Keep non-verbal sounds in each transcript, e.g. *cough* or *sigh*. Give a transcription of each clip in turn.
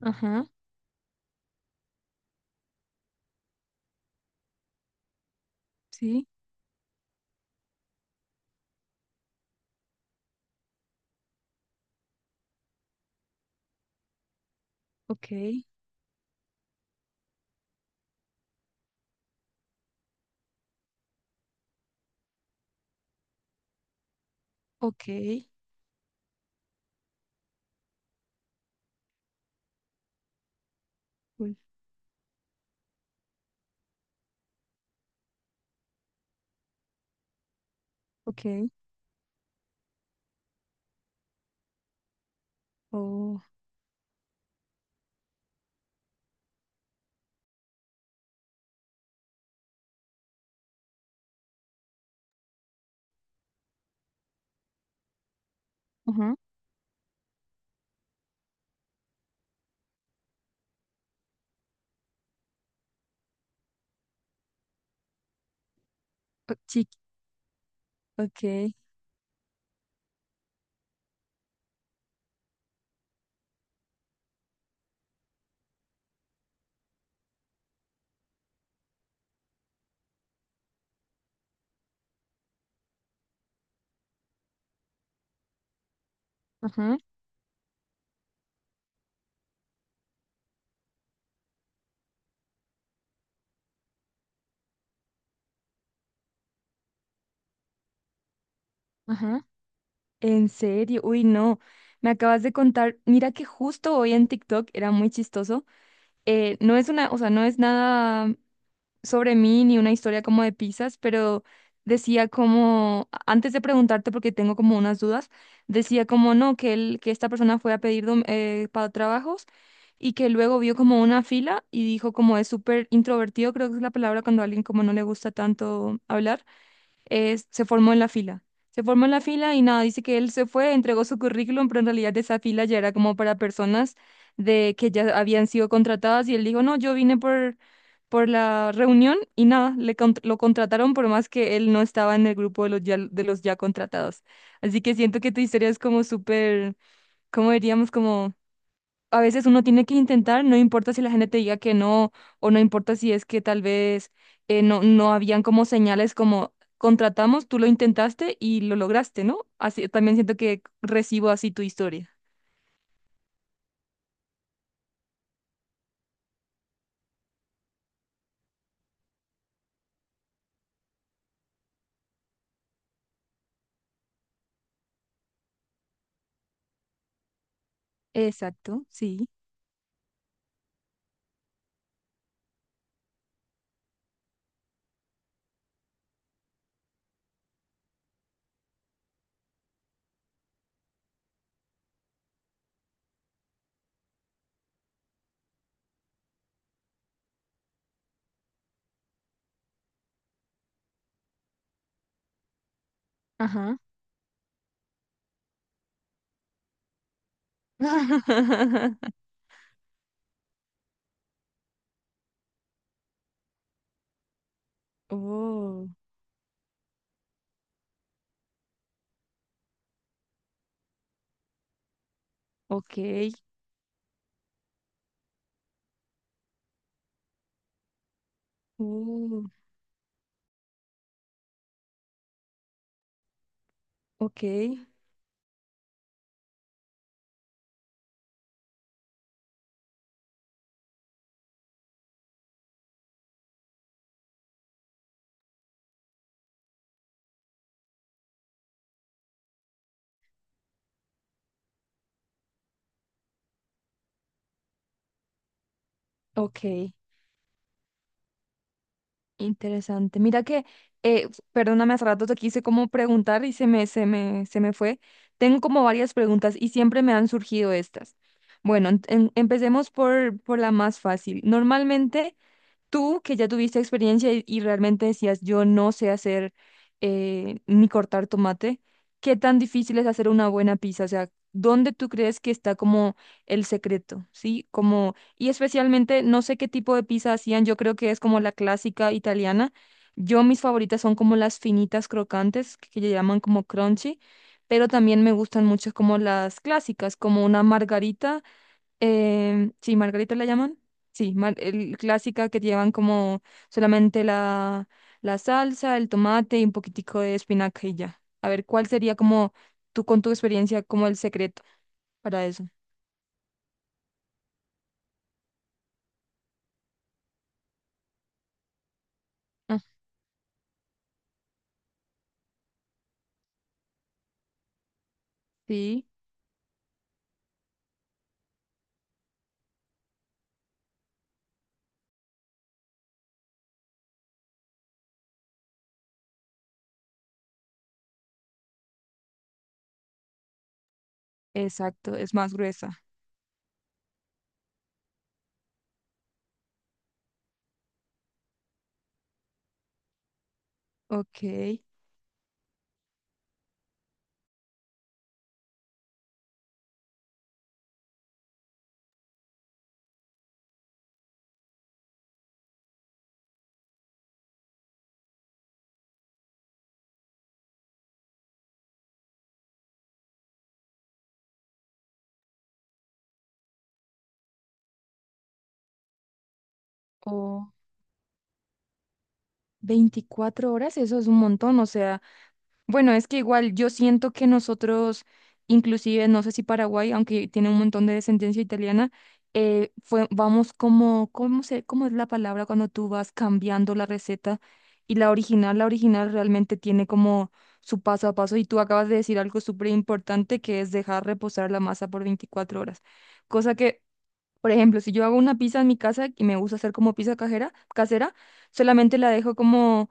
Ajá, sí, ok, ok, cool, ok, oh, ajá, oh, chiqui, ok, ajá, ajá, en serio, uy, no, me acabas de contar, mira que justo hoy en TikTok era muy chistoso. No es una, o sea, no es nada sobre mí ni una historia como de pizzas, pero decía como, antes de preguntarte porque tengo como unas dudas, decía como no, que él, que esta persona fue a pedir para trabajos y que luego vio como una fila y dijo como es súper introvertido, creo que es la palabra cuando a alguien como no le gusta tanto hablar, se formó en la fila. Se formó en la fila y nada, dice que él se fue, entregó su currículum, pero en realidad esa fila ya era como para personas de que ya habían sido contratadas y él dijo, no, yo vine por la reunión y nada, lo contrataron por más que él no estaba en el grupo de los ya contratados. Así que siento que tu historia es como súper, cómo diríamos, como a veces uno tiene que intentar, no importa si la gente te diga que no, o no importa si es que tal vez no, no habían como señales como contratamos, tú lo intentaste y lo lograste, ¿no? Así también siento que recibo así tu historia. Exacto, sí. Ajá. *laughs* Oh, ok. Uh. Ok, ok, interesante. Mira que, perdóname, hace rato te quise como preguntar y se me fue. Tengo como varias preguntas y siempre me han surgido estas. Bueno, empecemos por la más fácil. Normalmente, tú que ya tuviste experiencia y realmente decías, yo no sé hacer ni cortar tomate, ¿qué tan difícil es hacer una buena pizza? O sea, ¿dónde tú crees que está como el secreto? ¿Sí? Como, y especialmente, no sé qué tipo de pizza hacían, yo creo que es como la clásica italiana. Yo mis favoritas son como las finitas crocantes, que le llaman como crunchy, pero también me gustan mucho como las clásicas, como una margarita. Sí, Margarita la llaman. Sí, clásica que llevan como solamente la salsa, el tomate y un poquitico de espinaca y ya. A ver, ¿cuál sería como tú con tu experiencia como el secreto para eso? Ah, sí, exacto, es más gruesa. Ok. O 24 horas, eso es un montón, o sea. Bueno, es que igual yo siento que nosotros, inclusive, no sé si Paraguay, aunque tiene un montón de descendencia italiana, fue, vamos como, ¿cómo es la palabra cuando tú vas cambiando la receta? Y la original realmente tiene como su paso a paso y tú acabas de decir algo súper importante que es dejar reposar la masa por 24 horas. Cosa que, por ejemplo, si yo hago una pizza en mi casa y me gusta hacer como pizza cajera, casera, solamente la dejo como...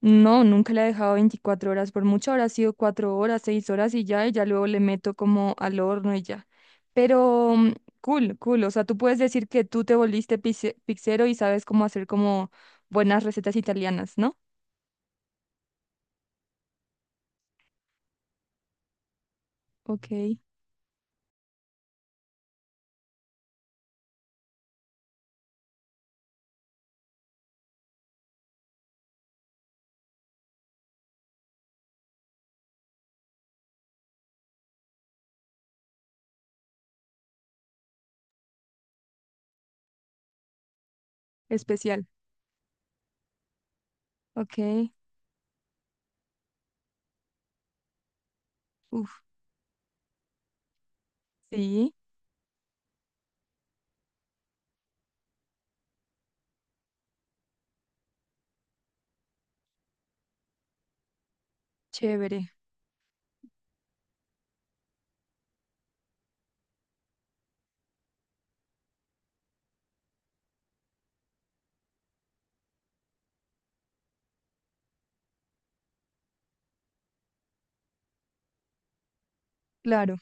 No, nunca la he dejado 24 horas, por mucho habrá sido 4 horas, 6 horas y ya luego le meto como al horno y ya. Pero cool, cool, o sea, tú puedes decir que tú te volviste pizzero y sabes cómo hacer como buenas recetas italianas, ¿no? Ok, especial. Ok, uff, sí, chévere, claro.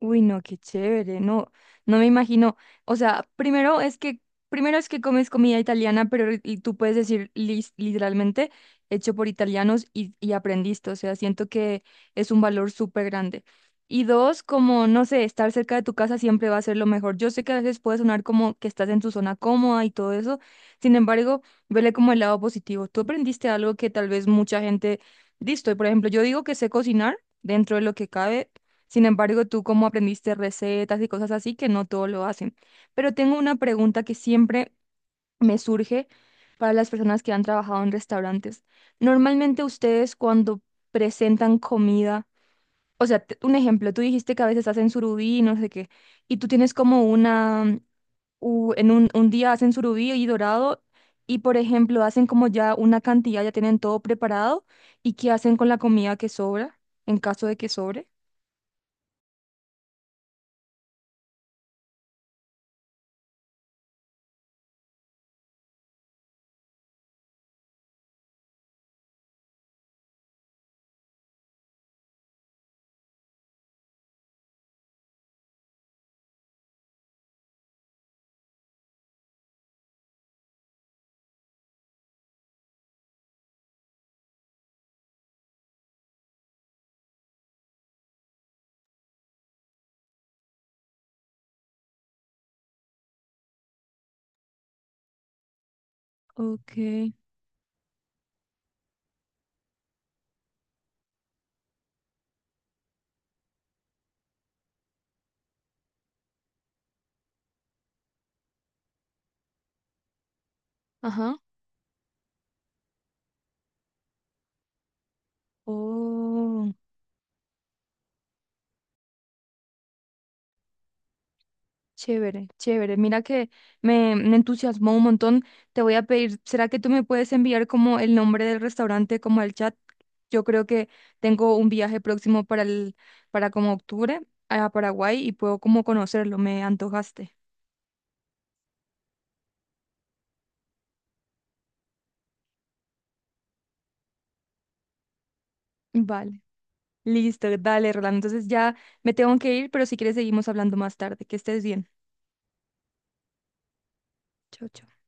Uy, no, qué chévere, no, no me imagino. O sea, primero es que comes comida italiana, pero y tú puedes decir literalmente hecho por italianos y aprendiste. O sea, siento que es un valor súper grande. Y dos, como, no sé, estar cerca de tu casa siempre va a ser lo mejor. Yo sé que a veces puede sonar como que estás en tu zona cómoda y todo eso. Sin embargo, vele como el lado positivo. Tú aprendiste algo que tal vez mucha gente, listo, y por ejemplo, yo digo que sé cocinar dentro de lo que cabe, sin embargo, tú como aprendiste recetas y cosas así, que no todo lo hacen. Pero tengo una pregunta que siempre me surge para las personas que han trabajado en restaurantes. Normalmente ustedes cuando presentan comida, o sea, un ejemplo, tú dijiste que a veces hacen surubí y no sé qué, y tú tienes como una, en un día hacen surubí y dorado, y por ejemplo hacen como ya una cantidad, ya tienen todo preparado, ¿y qué hacen con la comida que sobra, en caso de que sobre? Ok, ajá. Oh, chévere, chévere. Mira que me entusiasmó un montón. Te voy a pedir, ¿será que tú me puedes enviar como el nombre del restaurante, como el chat? Yo creo que tengo un viaje próximo para como octubre a Paraguay y puedo como conocerlo. Me antojaste. Vale, listo, dale, Rolando. Entonces ya me tengo que ir, pero si quieres seguimos hablando más tarde. Que estés bien. Chao, chao.